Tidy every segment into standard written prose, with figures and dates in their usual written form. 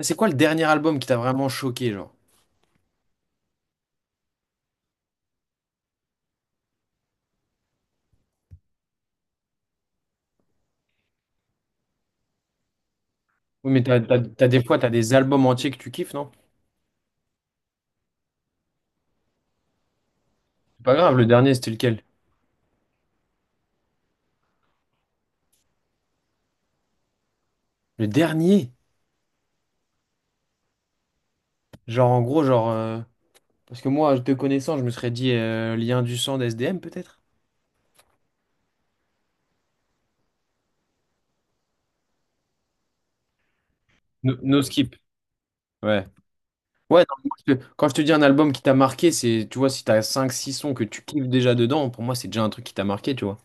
C'est quoi le dernier album qui t'a vraiment choqué, genre? Oui, mais t'as des fois, t'as des albums entiers que tu kiffes, non? C'est pas grave, le dernier, c'était lequel? Le dernier? Genre, en gros, genre... Parce que moi, te connaissant, je me serais dit Lien du sang d'SDM, peut-être? No, No Skip. Ouais. Ouais, non, moi, quand je te dis un album qui t'a marqué, c'est, tu vois, si t'as cinq six sons que tu kiffes déjà dedans, pour moi, c'est déjà un truc qui t'a marqué, tu vois.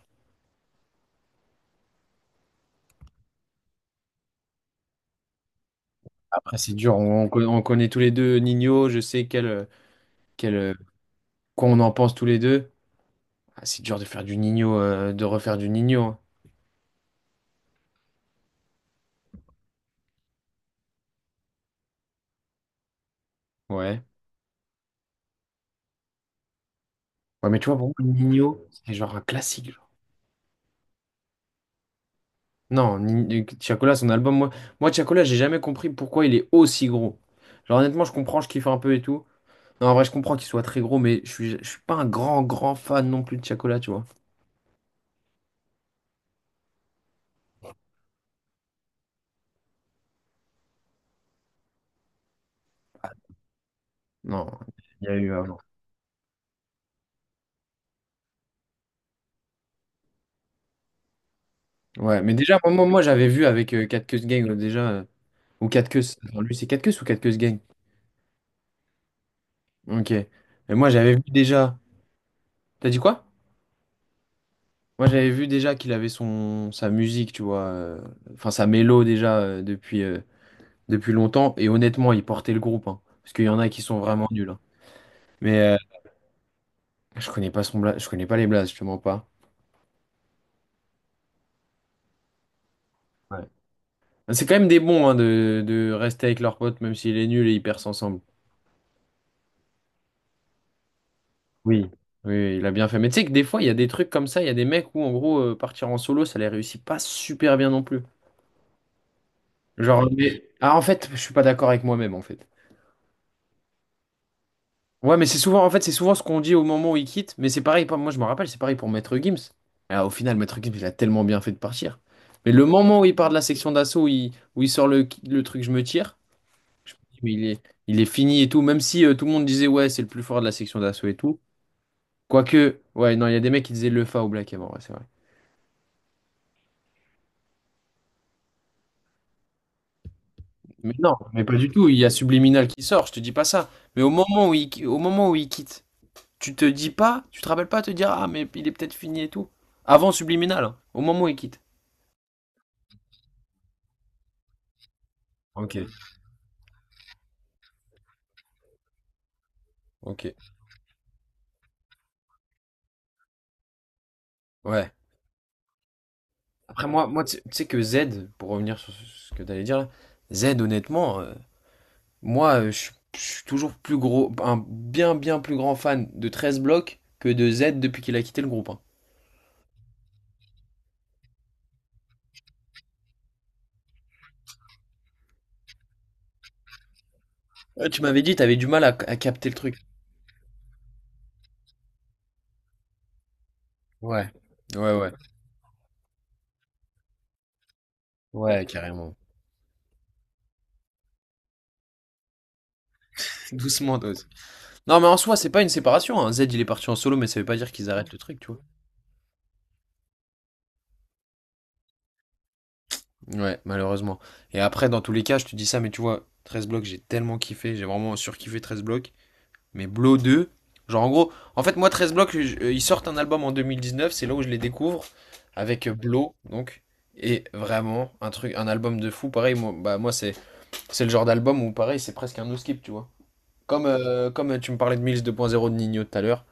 Après, c'est dur, on connaît tous les deux Nino, je sais quel, quoi on en pense tous les deux. Ah, c'est dur de faire du Nino, de refaire du Nino. Ouais. Ouais, mais tu vois, pour moi, Nino, c'est genre un classique, genre. Non, Tiakola, son album, moi, moi Tiakola, j'ai jamais compris pourquoi il est aussi gros. Genre, honnêtement, je comprends, je kiffe un peu et tout. Non, en vrai, je comprends qu'il soit très gros, mais je suis pas un grand, grand fan non plus de Tiakola, tu vois. Non, il y a eu avant. Ouais, mais déjà, moi, j'avais vu avec Cat Keus Gang, déjà, ou Cat Keus. Attends, lui, c'est Cat Keus ou Cat Keus Gang? Ok. Et moi, j'avais vu déjà. T'as dit quoi? Moi, j'avais vu déjà qu'il avait son sa musique, tu vois, enfin sa mélo déjà depuis longtemps. Et honnêtement, il portait le groupe, hein, parce qu'il y en a qui sont vraiment nuls, hein. Mais je connais pas je connais pas les blazes, je te mens pas. Ouais. C'est quand même des bons hein, de rester avec leur pote, même s'il est nul et ils percent ensemble. Oui. Oui, il a bien fait. Mais tu sais que des fois, il y a des trucs comme ça, il y a des mecs où, en gros, partir en solo, ça les réussit pas super bien non plus. Ah, en fait, je suis pas d'accord avec moi-même, en fait. Ouais, mais c'est souvent, en fait, c'est souvent ce qu'on dit au moment où il quitte. Mais c'est pareil, moi je me rappelle, c'est pareil pour Maître Gims. Ah, au final, Maître Gims, il a tellement bien fait de partir. Mais le moment où il part de la section d'assaut, où il sort le truc, je me tire. Je me dis, mais il est fini et tout. Même si tout le monde disait, ouais, c'est le plus fort de la section d'assaut et tout. Quoique, ouais, non, il y a des mecs qui disaient le fa au Black avant, ouais, c'est vrai. Mais non, mais pas du tout. Il y a Subliminal qui sort, je te dis pas ça. Mais au moment où il quitte, tu te dis pas, tu te rappelles pas te dire, ah, mais il est peut-être fini et tout. Avant Subliminal, hein, au moment où il quitte. Ok, ok, ouais. Après, moi, tu tu sais que Z, pour revenir sur ce que t'allais dire, là, Z, honnêtement, je suis toujours plus gros, un bien, bien plus grand fan de 13 blocs que de Z depuis qu'il a quitté le groupe, hein. Ouais, tu m'avais dit, t'avais du mal à capter le truc. Ouais, ouais, ouais, ouais, carrément. Doucement, toi aussi. Non, mais en soi, c'est pas une séparation, hein. Z, il est parti en solo, mais ça veut pas dire qu'ils arrêtent le truc, tu vois. Ouais, malheureusement. Et après, dans tous les cas, je te dis ça, mais tu vois, 13 blocs, j'ai tellement kiffé, j'ai vraiment surkiffé 13 blocs. Mais Blow 2, genre en gros, en fait, moi, 13 blocs, ils sortent un album en 2019, c'est là où je les découvre, avec Blow, donc. Et vraiment, un truc, un album de fou, pareil, moi, bah, moi c'est le genre d'album où, pareil, c'est presque un no-skip, tu vois. Comme tu me parlais de Mills 2.0 de Nino tout à l'heure.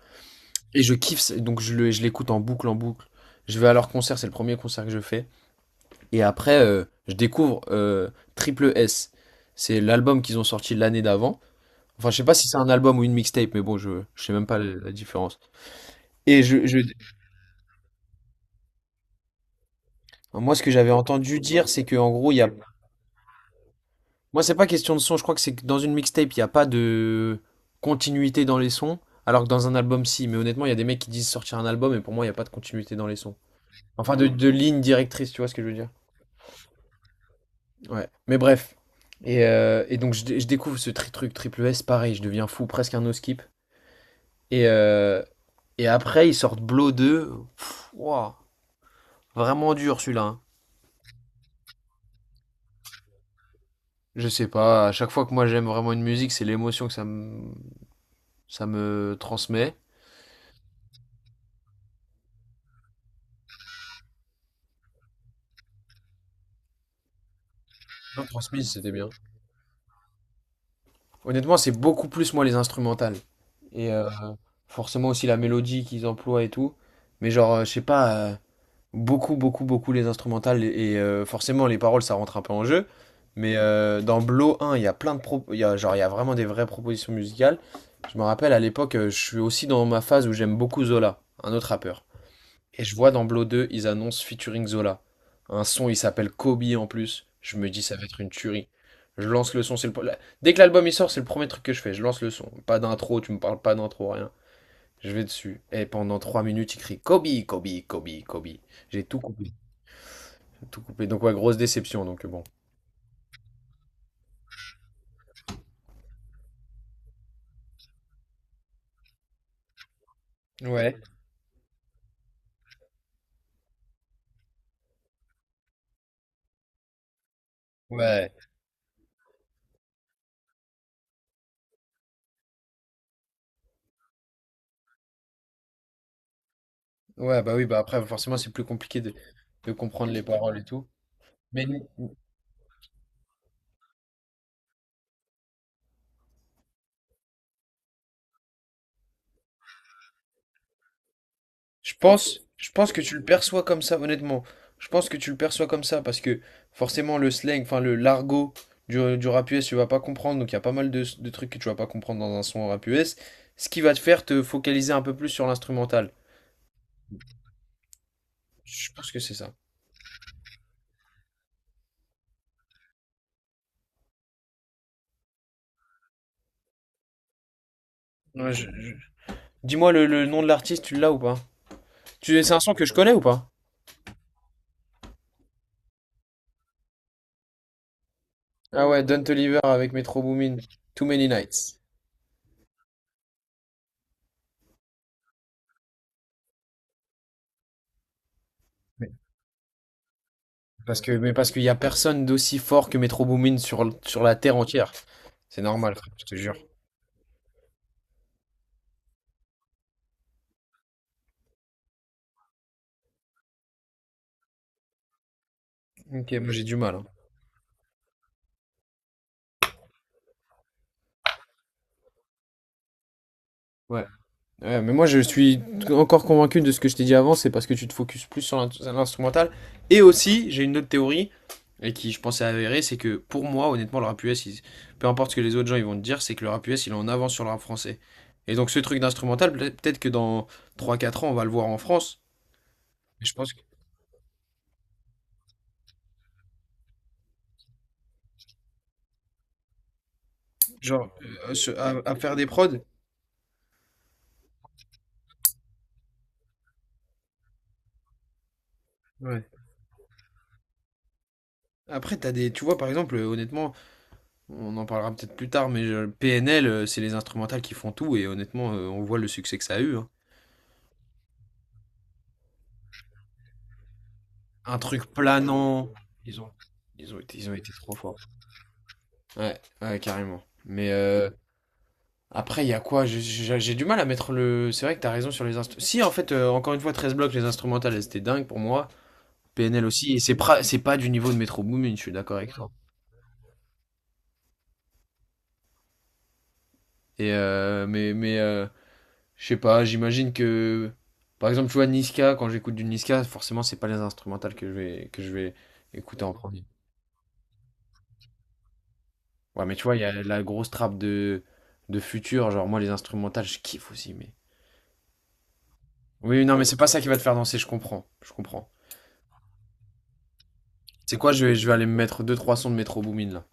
Et je kiffe, donc je l'écoute en boucle, en boucle. Je vais à leur concert, c'est le premier concert que je fais. Et après, je découvre Triple S. C'est l'album qu'ils ont sorti l'année d'avant. Enfin, je sais pas si c'est un album ou une mixtape, mais bon, je sais même pas la différence. Et moi, ce que j'avais entendu dire, c'est que en gros, il y a. Moi, c'est pas question de son. Je crois que c'est que dans une mixtape, il n'y a pas de continuité dans les sons, alors que dans un album, si. Mais honnêtement, il y a des mecs qui disent sortir un album, et pour moi, il n'y a pas de continuité dans les sons. Enfin, de ligne directrice, tu vois ce que je veux dire? Ouais. Mais bref. Et donc, je découvre ce truc triple S, pareil, je deviens fou, presque un no skip. Et, euh, et après, ils sortent Blow 2. Pff, ouah, vraiment dur celui-là, hein. Je sais pas, à chaque fois que moi j'aime vraiment une musique, c'est l'émotion que ça me transmet. Non, transmise, c'était bien. Honnêtement, c'est beaucoup plus moi les instrumentales. Et forcément aussi la mélodie qu'ils emploient et tout. Mais je sais pas, beaucoup, beaucoup, beaucoup les instrumentales. Et, forcément, les paroles, ça rentre un peu en jeu. Mais dans Blow 1, il y a il y a, genre, il y a vraiment des vraies propositions musicales. Je me rappelle à l'époque, je suis aussi dans ma phase où j'aime beaucoup Zola, un autre rappeur. Et je vois dans Blow 2, ils annoncent featuring Zola. Un son, il s'appelle Kobe en plus. Je me dis, ça va être une tuerie. Je lance le son, c'est le... pre- la- dès que l'album il sort, c'est le premier truc que je fais. Je lance le son. Pas d'intro, tu me parles pas d'intro, rien. Je vais dessus. Et pendant 3 minutes, il crie Kobe, Kobe, Kobe, Kobe. J'ai tout coupé. Tout coupé. Donc ouais, grosse déception. Donc bon. Ouais, ouais. Ouais, bah oui, bah après, forcément, c'est plus compliqué de comprendre les paroles et tout. Mais, je pense, je pense que tu le perçois comme ça, honnêtement. Je pense que tu le perçois comme ça parce que forcément le slang, enfin le l'argot du rap US, tu vas pas comprendre. Donc il y a pas mal de trucs que tu vas pas comprendre dans un son rap US. Ce qui va te faire te focaliser un peu plus sur l'instrumental. Je pense que c'est ça. Ouais, dis-moi le nom de l'artiste, tu l'as ou pas? Tu, c'est un son que je connais ou pas? Ah ouais, Don Toliver avec Metro Boomin, Too Many Nights. Mais parce que, mais parce qu'il y a personne d'aussi fort que Metro Boomin sur la terre entière. C'est normal, frère, je te jure. Ok, moi j'ai du mal, hein. Ouais. Ouais, mais moi je suis encore convaincu de ce que je t'ai dit avant, c'est parce que tu te focuses plus sur l'instrumental. Et aussi, j'ai une autre théorie, et qui je pensais avérée, c'est que pour moi, honnêtement, le rap US, peu importe ce que les autres gens ils vont te dire, c'est que le rap US il est en avance sur le rap français. Et donc ce truc d'instrumental, peut-être que dans trois quatre ans, on va le voir en France. Mais je pense que, genre, à faire des prods. Ouais. Après, t'as des. Tu vois, par exemple, honnêtement, on en parlera peut-être plus tard, mais PNL, c'est les instrumentales qui font tout, et honnêtement, on voit le succès que ça a eu, hein. Un truc planant. Ils ont, ils ont été trop forts. Ouais, ouais, carrément. Mais après, il y a quoi? J'ai du mal à mettre le. C'est vrai que t'as raison sur les instruments. Si, en fait, encore une fois, 13 blocs, les instrumentales, elles étaient dingues pour moi. PNL aussi. Et c'est pas du niveau de Metro Boomin, je suis d'accord avec toi. Et je sais pas, j'imagine que. Par exemple, tu vois, Niska, quand j'écoute du Niska, forcément, c'est pas les instrumentales que que je vais écouter en premier. Ouais, mais tu vois, il y a la grosse trappe de futur. Genre, moi, les instrumentales, je kiffe aussi, mais. Oui, non, mais c'est pas ça qui va te faire danser, je comprends. Je comprends. C'est quoi, je vais aller me mettre deux trois sons de Metro Boomin, là.